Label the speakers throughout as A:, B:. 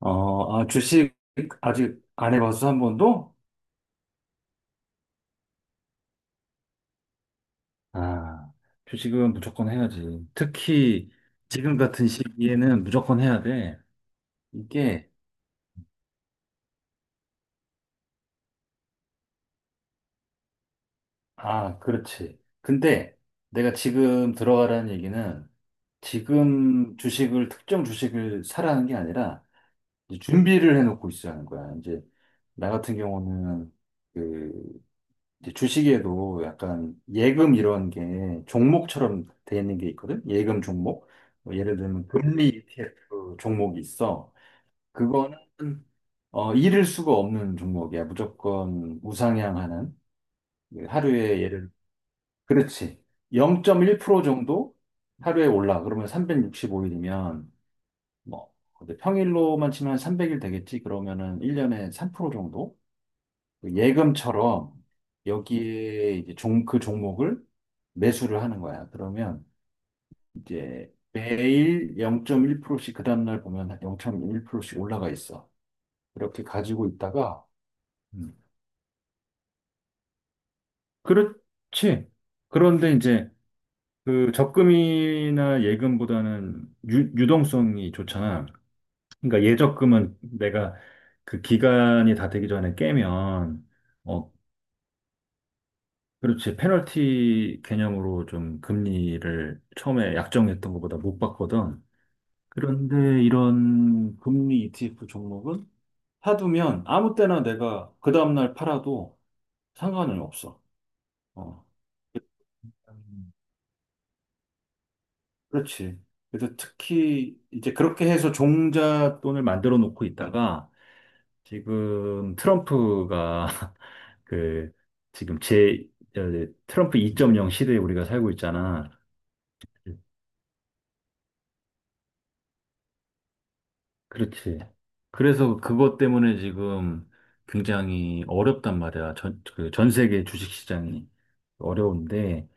A: 주식 아직 안 해봤어, 한 번도? 아, 주식은 무조건 해야지. 특히 지금 같은 시기에는 무조건 해야 돼. 이게, 그렇지. 근데 내가 지금 들어가라는 얘기는 특정 주식을 사라는 게 아니라 이제 준비를 해놓고 있으라는 거야. 이제 나 같은 경우는 그 이제 주식에도 약간 예금 이런 게 종목처럼 돼 있는 게 있거든? 예금 종목. 뭐 예를 들면 금리 ETF 종목이 있어. 그거는 잃을 수가 없는 종목이야. 무조건 우상향하는. 그 하루에 그렇지. 0.1% 정도 하루에 올라. 그러면 365일이면 뭐 근데 평일로만 치면 한 300일 되겠지. 그러면은 1년에 3% 정도? 그 예금처럼 여기에 이제 그 종목을 매수를 하는 거야. 그러면 이제 매일 0.1%씩 그 다음날 보면 0.1%씩 올라가 있어. 이렇게 가지고 있다가, 음. 그렇지. 그런데 이제 그 적금이나 예금보다는 유동성이 좋잖아. 그러니까 예적금은 내가 그 기간이 다 되기 전에 깨면 어, 그렇지. 페널티 개념으로 좀 금리를 처음에 약정했던 것보다 못 받거든. 그런데 이런 금리 ETF 종목은 사두면 아무 때나 내가 그 다음날 팔아도 상관은 없어. 어. 음. 그렇지. 그래서 특히 이제 그렇게 해서 종잣돈을 만들어 놓고 있다가 지금 트럼프가 그 지금 제 어, 트럼프 2.0 시대에 우리가 살고 있잖아. 그렇지. 그래서 그것 때문에 지금 굉장히 어렵단 말이야. 전 세계 주식시장이 어려운데,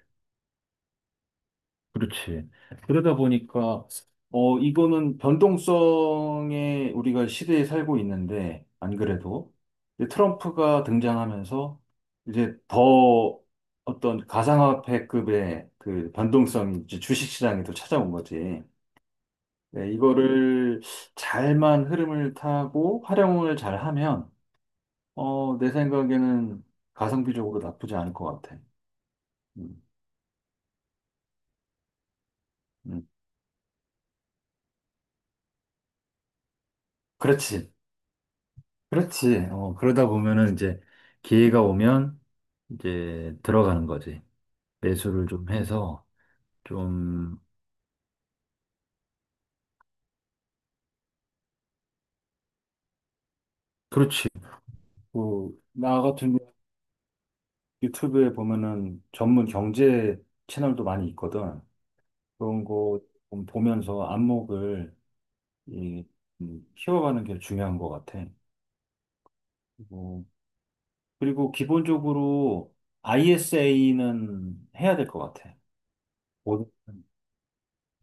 A: 그렇지. 그러다 보니까, 이거는 변동성에 우리가 시대에 살고 있는데, 안 그래도. 이제 트럼프가 등장하면서 이제 더 어떤 가상화폐급의 그 변동성이 이제 주식시장에도 찾아온 거지. 네, 이거를 잘만 흐름을 타고 활용을 잘하면, 내 생각에는 가성비적으로 나쁘지 않을 것 같아. 음, 음. 그렇지. 그렇지. 그러다 보면은 이제 기회가 오면 이제 들어가는 거지. 매수를 좀 해서 좀, 그렇지. 뭐, 나 같은 경우 유튜브에 보면은 전문 경제 채널도 많이 있거든. 그런 거좀 보면서 안목을 이, 키워가는 게 중요한 것 같아. 그리고, 그리고 기본적으로 ISA는 해야 될 것 같아. 모든,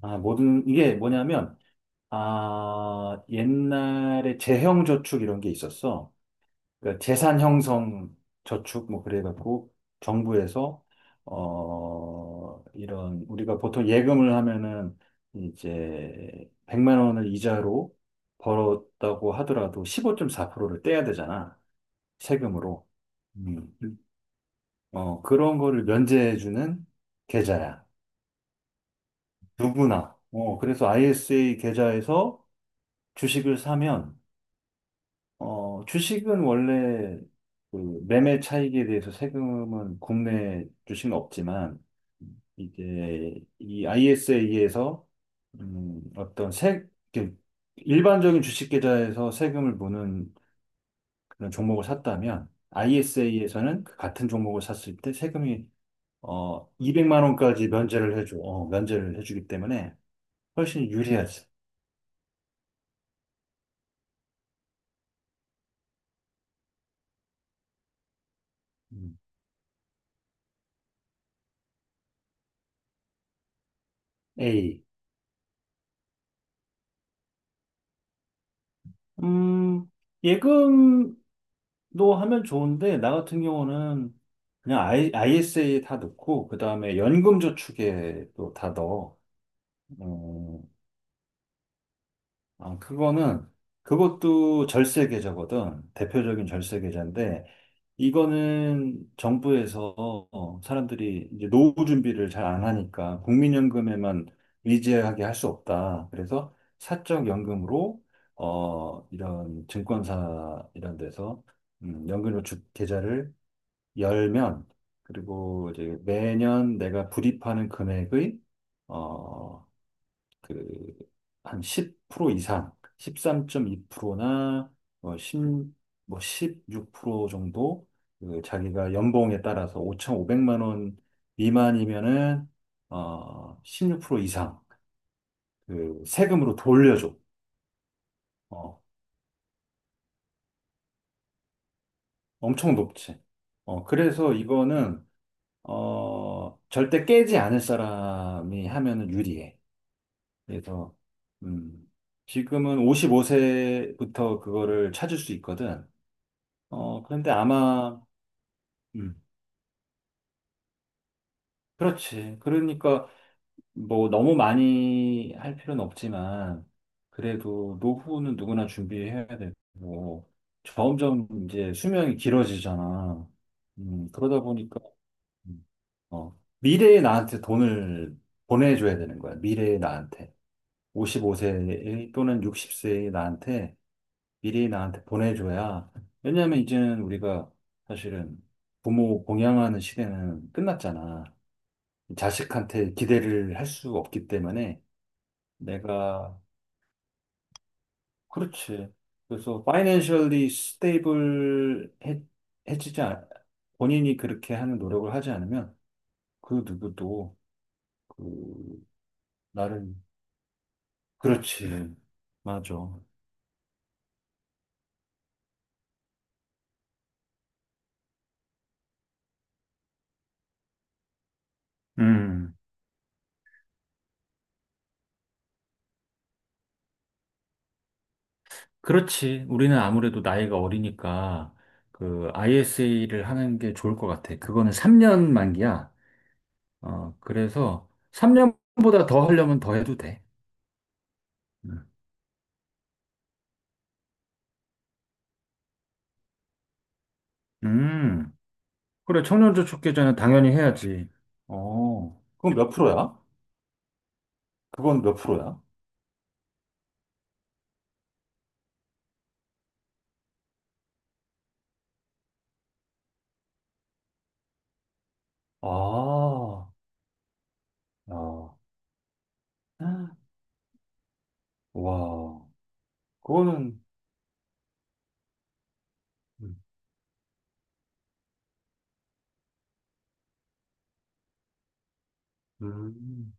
A: 이게 뭐냐면, 옛날에 재형 저축 이런 게 있었어. 그러니까 재산 형성 저축, 뭐, 그래갖고, 정부에서, 이런, 우리가 보통 예금을 하면은, 이제, 100만 원을 이자로 벌었다고 하더라도 15.4%를 떼야 되잖아. 세금으로. 음. 그런 거를 면제해주는 계좌야. 누구나. 그래서 ISA 계좌에서 주식을 사면, 주식은 원래 그 매매 차익에 대해서 세금은 국내 주식은 없지만, 이제 이 ISA에서 음, 어떤 세, 이렇게 일반적인 주식 계좌에서 세금을 무는 그런 종목을 샀다면, ISA에서는 같은 종목을 샀을 때 세금이 200만 원까지 면제를 해줘. 면제를 해주기 때문에 훨씬 유리하지. 음, A. 음, 예금도 하면 좋은데, 나 같은 경우는 그냥 ISA에 다 넣고, 그 다음에 연금저축에 또 다 넣어. 어, 그거는, 그것도 절세 계좌거든. 대표적인 절세 계좌인데, 이거는 정부에서 사람들이 이제 노후 준비를 잘 안 하니까 국민연금에만 의지하게 할 수 없다. 그래서 사적 연금으로 이런 증권사 이런 데서 연금저축 계좌를 열면 그리고 이제 매년 내가 불입하는 금액의 어, 그 한 10% 이상, 13.2%나 뭐1육뭐16% 정도 그 자기가 연봉에 따라서 5,500만 원 미만이면은 어 16% 이상 그 세금으로 돌려줘. 어, 엄청 높지. 그래서 이거는 절대 깨지 않을 사람이 하면은 유리해. 그래서 음 지금은 55세부터 그거를 찾을 수 있거든. 그런데 아마, 음, 그렇지. 그러니까, 뭐, 너무 많이 할 필요는 없지만, 그래도 노후는 누구나 준비해야 되고, 점점 이제 수명이 길어지잖아. 그러다 보니까, 음, 미래의 나한테 돈을 보내줘야 되는 거야. 미래의 나한테. 55세 또는 60세의 나한테 미리 나한테 보내줘야. 왜냐면 이제는 우리가 사실은 부모 공양하는 시대는 끝났잖아. 자식한테 기대를 할 수 없기 때문에 내가, 그렇지. 그래서 파이낸셜리 스테이블 해지지 않, 본인이 그렇게 하는 노력을 하지 않으면 그 누구도 그 나를, 그렇지. 맞아. 음. 그렇지. 우리는 아무래도 나이가 어리니까 그 ISA를 하는 게 좋을 것 같아. 그거는 3년 만기야. 그래서 3년보다 더 하려면 더 해도 돼. 음, 음. 그래. 청년저축 계좌는 당연히 해야지. 어, 그건 몇 프로야? 그건 몇 프로야? 아, 야. 와, 그거는, 음, 음,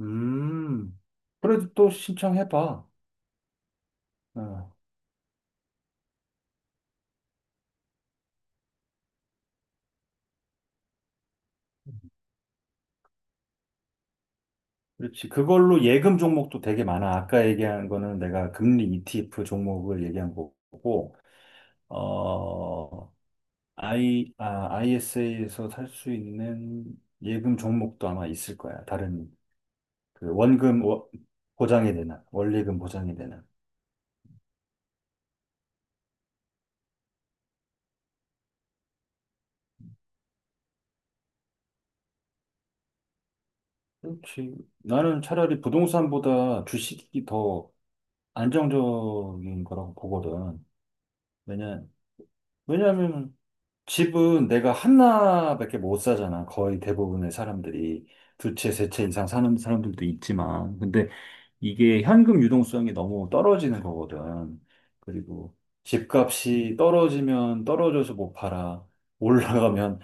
A: 음. 그래도 또 신청해봐. 어. 그렇지. 그걸로 예금 종목도 되게 많아. 아까 얘기한 거는 내가 금리 ETF 종목을 얘기한 거고, 어, ISA에서 살 수 있는 예금 종목도 아마 있을 거야. 다른, 그 원금 워- 보장이 되나, 원리금 보장이 되나. 그렇지. 나는 차라리 부동산보다 주식이 더 안정적인 거라고 보거든. 왜냐, 왜냐면 집은 내가 하나밖에 못 사잖아. 거의 대부분의 사람들이. 두 채, 세 채 이상 사는 사람들도 있지만. 근데 이게 현금 유동성이 너무 떨어지는 거거든. 그리고 집값이 떨어지면 떨어져서 못 팔아. 올라가면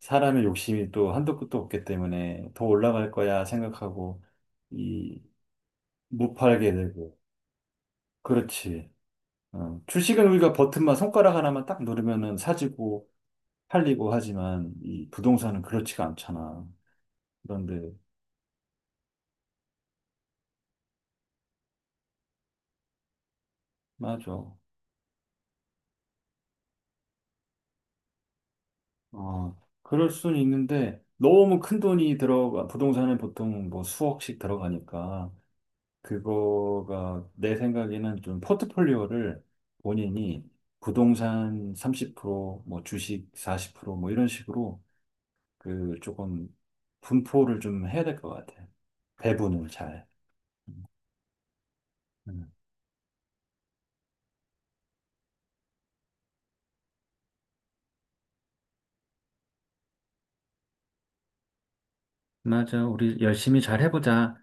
A: 사람의 욕심이 또 한도 끝도 없기 때문에 더 올라갈 거야 생각하고, 이, 못 팔게 되고. 그렇지. 주식은 우리가 버튼만 손가락 하나만 딱 누르면은 사지고, 팔리고 하지만 이 부동산은 그렇지가 않잖아. 그런데 맞아. 어, 그럴 순 있는데 너무 큰 돈이 들어가 부동산에 보통 뭐 수억씩 들어가니까 그거가 내 생각에는 좀 포트폴리오를 본인이 부동산 30% 뭐 주식 40% 뭐 이런 식으로 그 조금 분포를 좀 해야 될 것 같아. 배분을 잘. 음. 맞아. 우리 열심히 잘 해보자.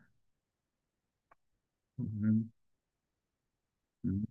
A: 음, 음.